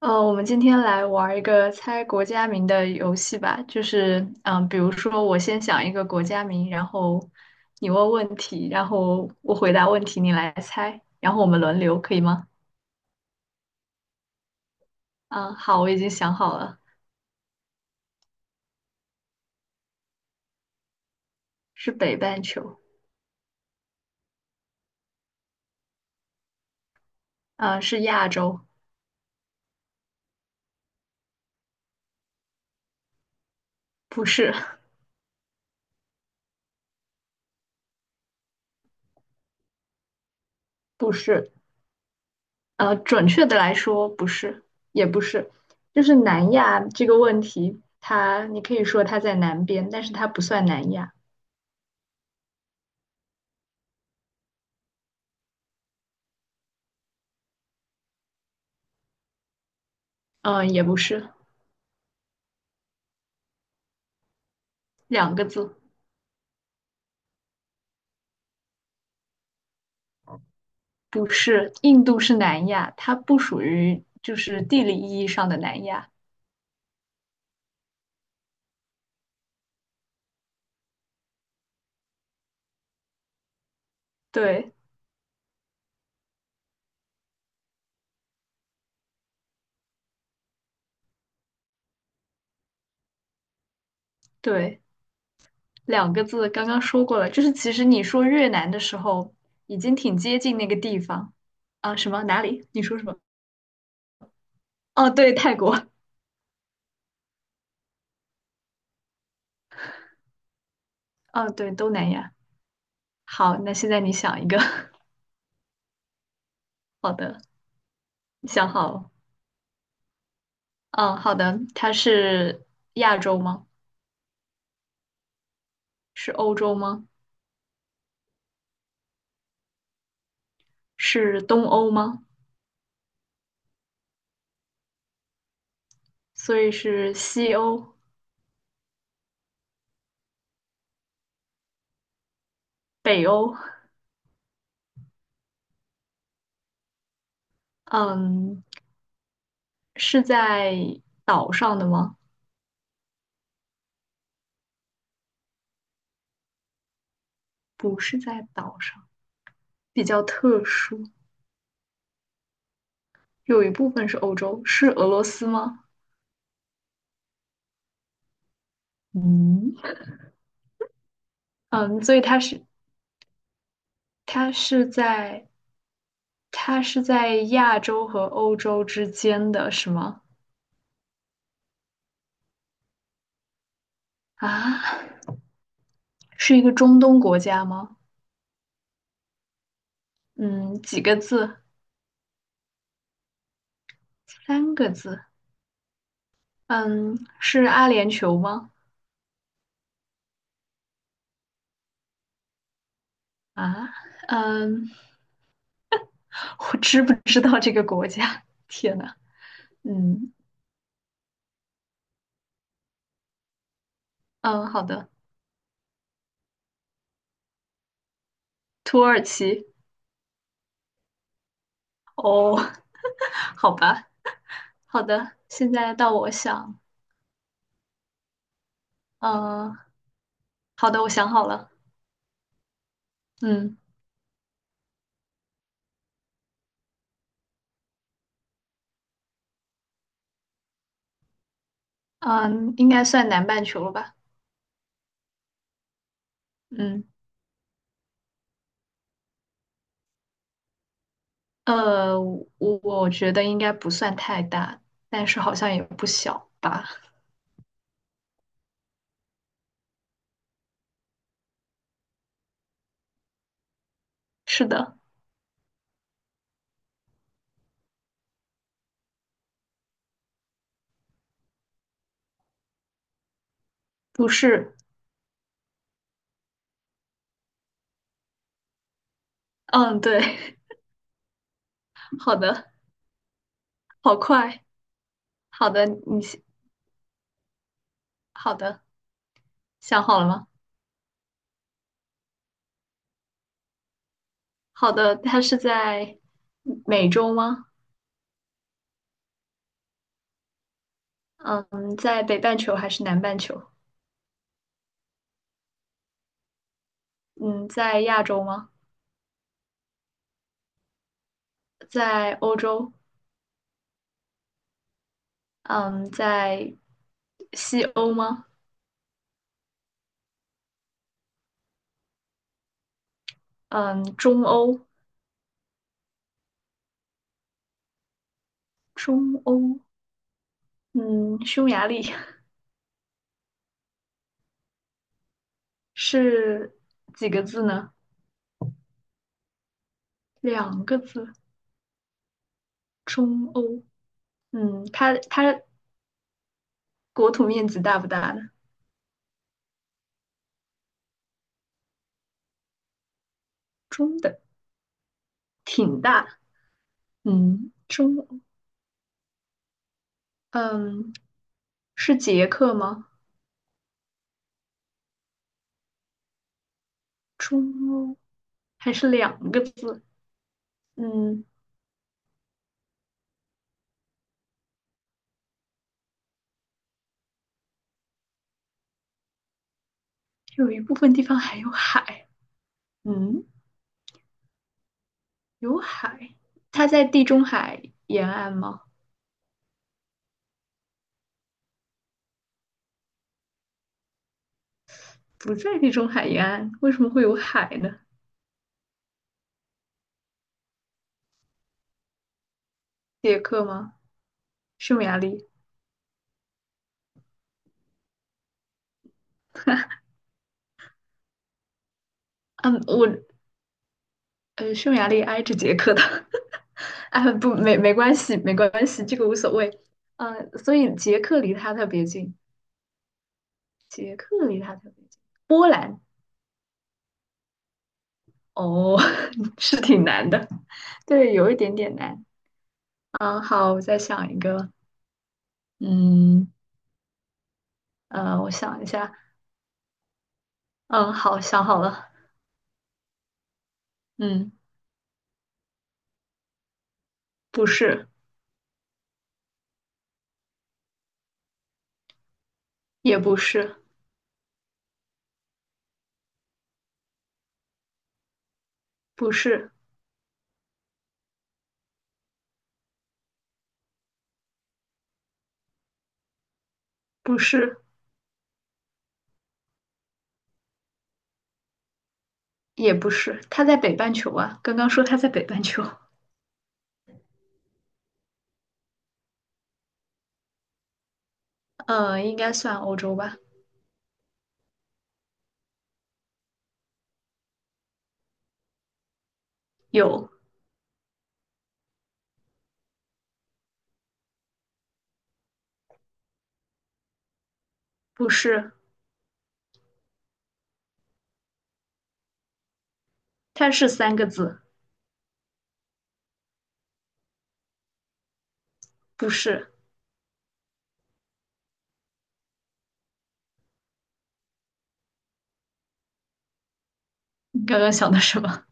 我们今天来玩儿一个猜国家名的游戏吧，就是，比如说我先想一个国家名，然后你问问题，然后我回答问题，你来猜，然后我们轮流，可以吗？嗯，好，我已经想好了，是北半球，嗯，是亚洲，不是，不是，准确的来说不是，也不是，就是南亚这个问题，它你可以说它在南边，但是它不算南亚，嗯，也不是，两个字。不是，印度是南亚，它不属于就是地理意义上的南亚。对对，两个字刚刚说过了，就是其实你说越南的时候，已经挺接近那个地方啊。什么？哪里？你说什么？哦，对，泰国。哦，对，东南亚。好，那现在你想一个。好的，你想好了。嗯，好的。它是亚洲吗？是欧洲吗？是东欧吗？所以是西欧、北欧。嗯，是在岛上的吗？不是在岛上，比较特殊。有一部分是欧洲，是俄罗斯吗？嗯，嗯，所以它是它是在它是在亚洲和欧洲之间的，是吗？啊，是一个中东国家吗？嗯，几个字？三个字。嗯，是阿联酋吗？啊，嗯，我知不知道这个国家？天呐，嗯嗯，好的，土耳其。哦，好吧，好的，现在到我想，呃，好的，我想好了，嗯嗯，应该算南半球了吧？嗯，呃，我我觉得应该不算太大，但是好像也不小吧？是的，不是，嗯，对，好的，好快，好的，你先。好的，想好了吗？好的，它是在美洲吗？嗯，在北半球还是南半球？嗯，在亚洲吗？在欧洲，嗯，在西欧吗？嗯，中欧，中欧，嗯，匈牙利。是几个字呢？两个字，中欧。嗯，它国土面积大不大呢？中等，挺大。嗯，中欧，嗯，是捷克吗？中欧还是两个字？嗯，有一部分地方还有海。嗯，有海，它在地中海沿岸吗？不在地中海沿岸，为什么会有海呢？捷克吗？匈牙利？嗯，匈牙利挨着捷克的。啊，不，没关系，没关系，这个无所谓。嗯，所以捷克离它特别近，捷克离它特别近。波兰，哦，是挺难的，对，有一点点难。嗯，好，我再想一个。嗯，我想一下。嗯，好，想好了。嗯，不是，也不是，不是，不是，也不是，它在北半球啊。刚刚说它在北半球，应该算欧洲吧？有，不是，它是三个字，不是。你刚刚想的什么？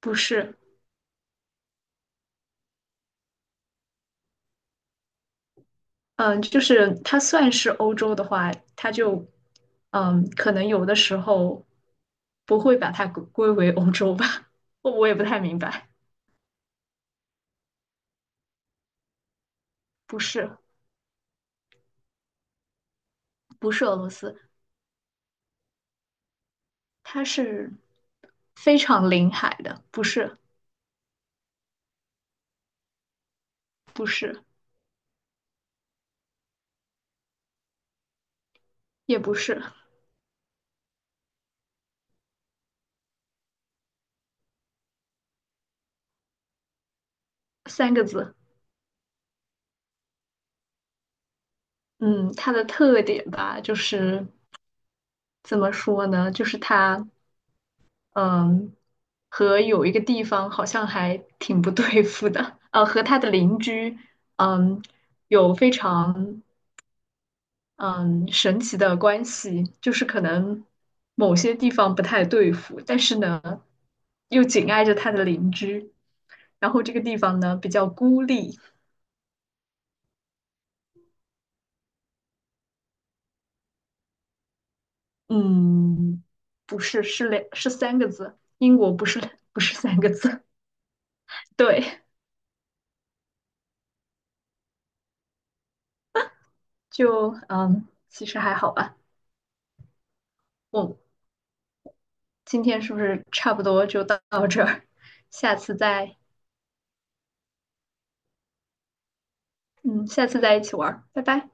不是，嗯，就是它算是欧洲的话，它就，可能有的时候不会把它归为欧洲吧？我也不太明白。不是，不是俄罗斯，它是非常临海的，不是，不是。也不是三个字。嗯，它的特点吧，就是怎么说呢？就是它，嗯，和有一个地方好像还挺不对付的，和它的邻居，嗯，有非常嗯神奇的关系，就是可能某些地方不太对付，但是呢，又紧挨着它的邻居，然后这个地方呢比较孤立，嗯，不是，是三个字，英国不是不是三个字，对，就其实还好吧。我今天是不是差不多就到这儿？下次再嗯，下次再一起玩儿，拜拜。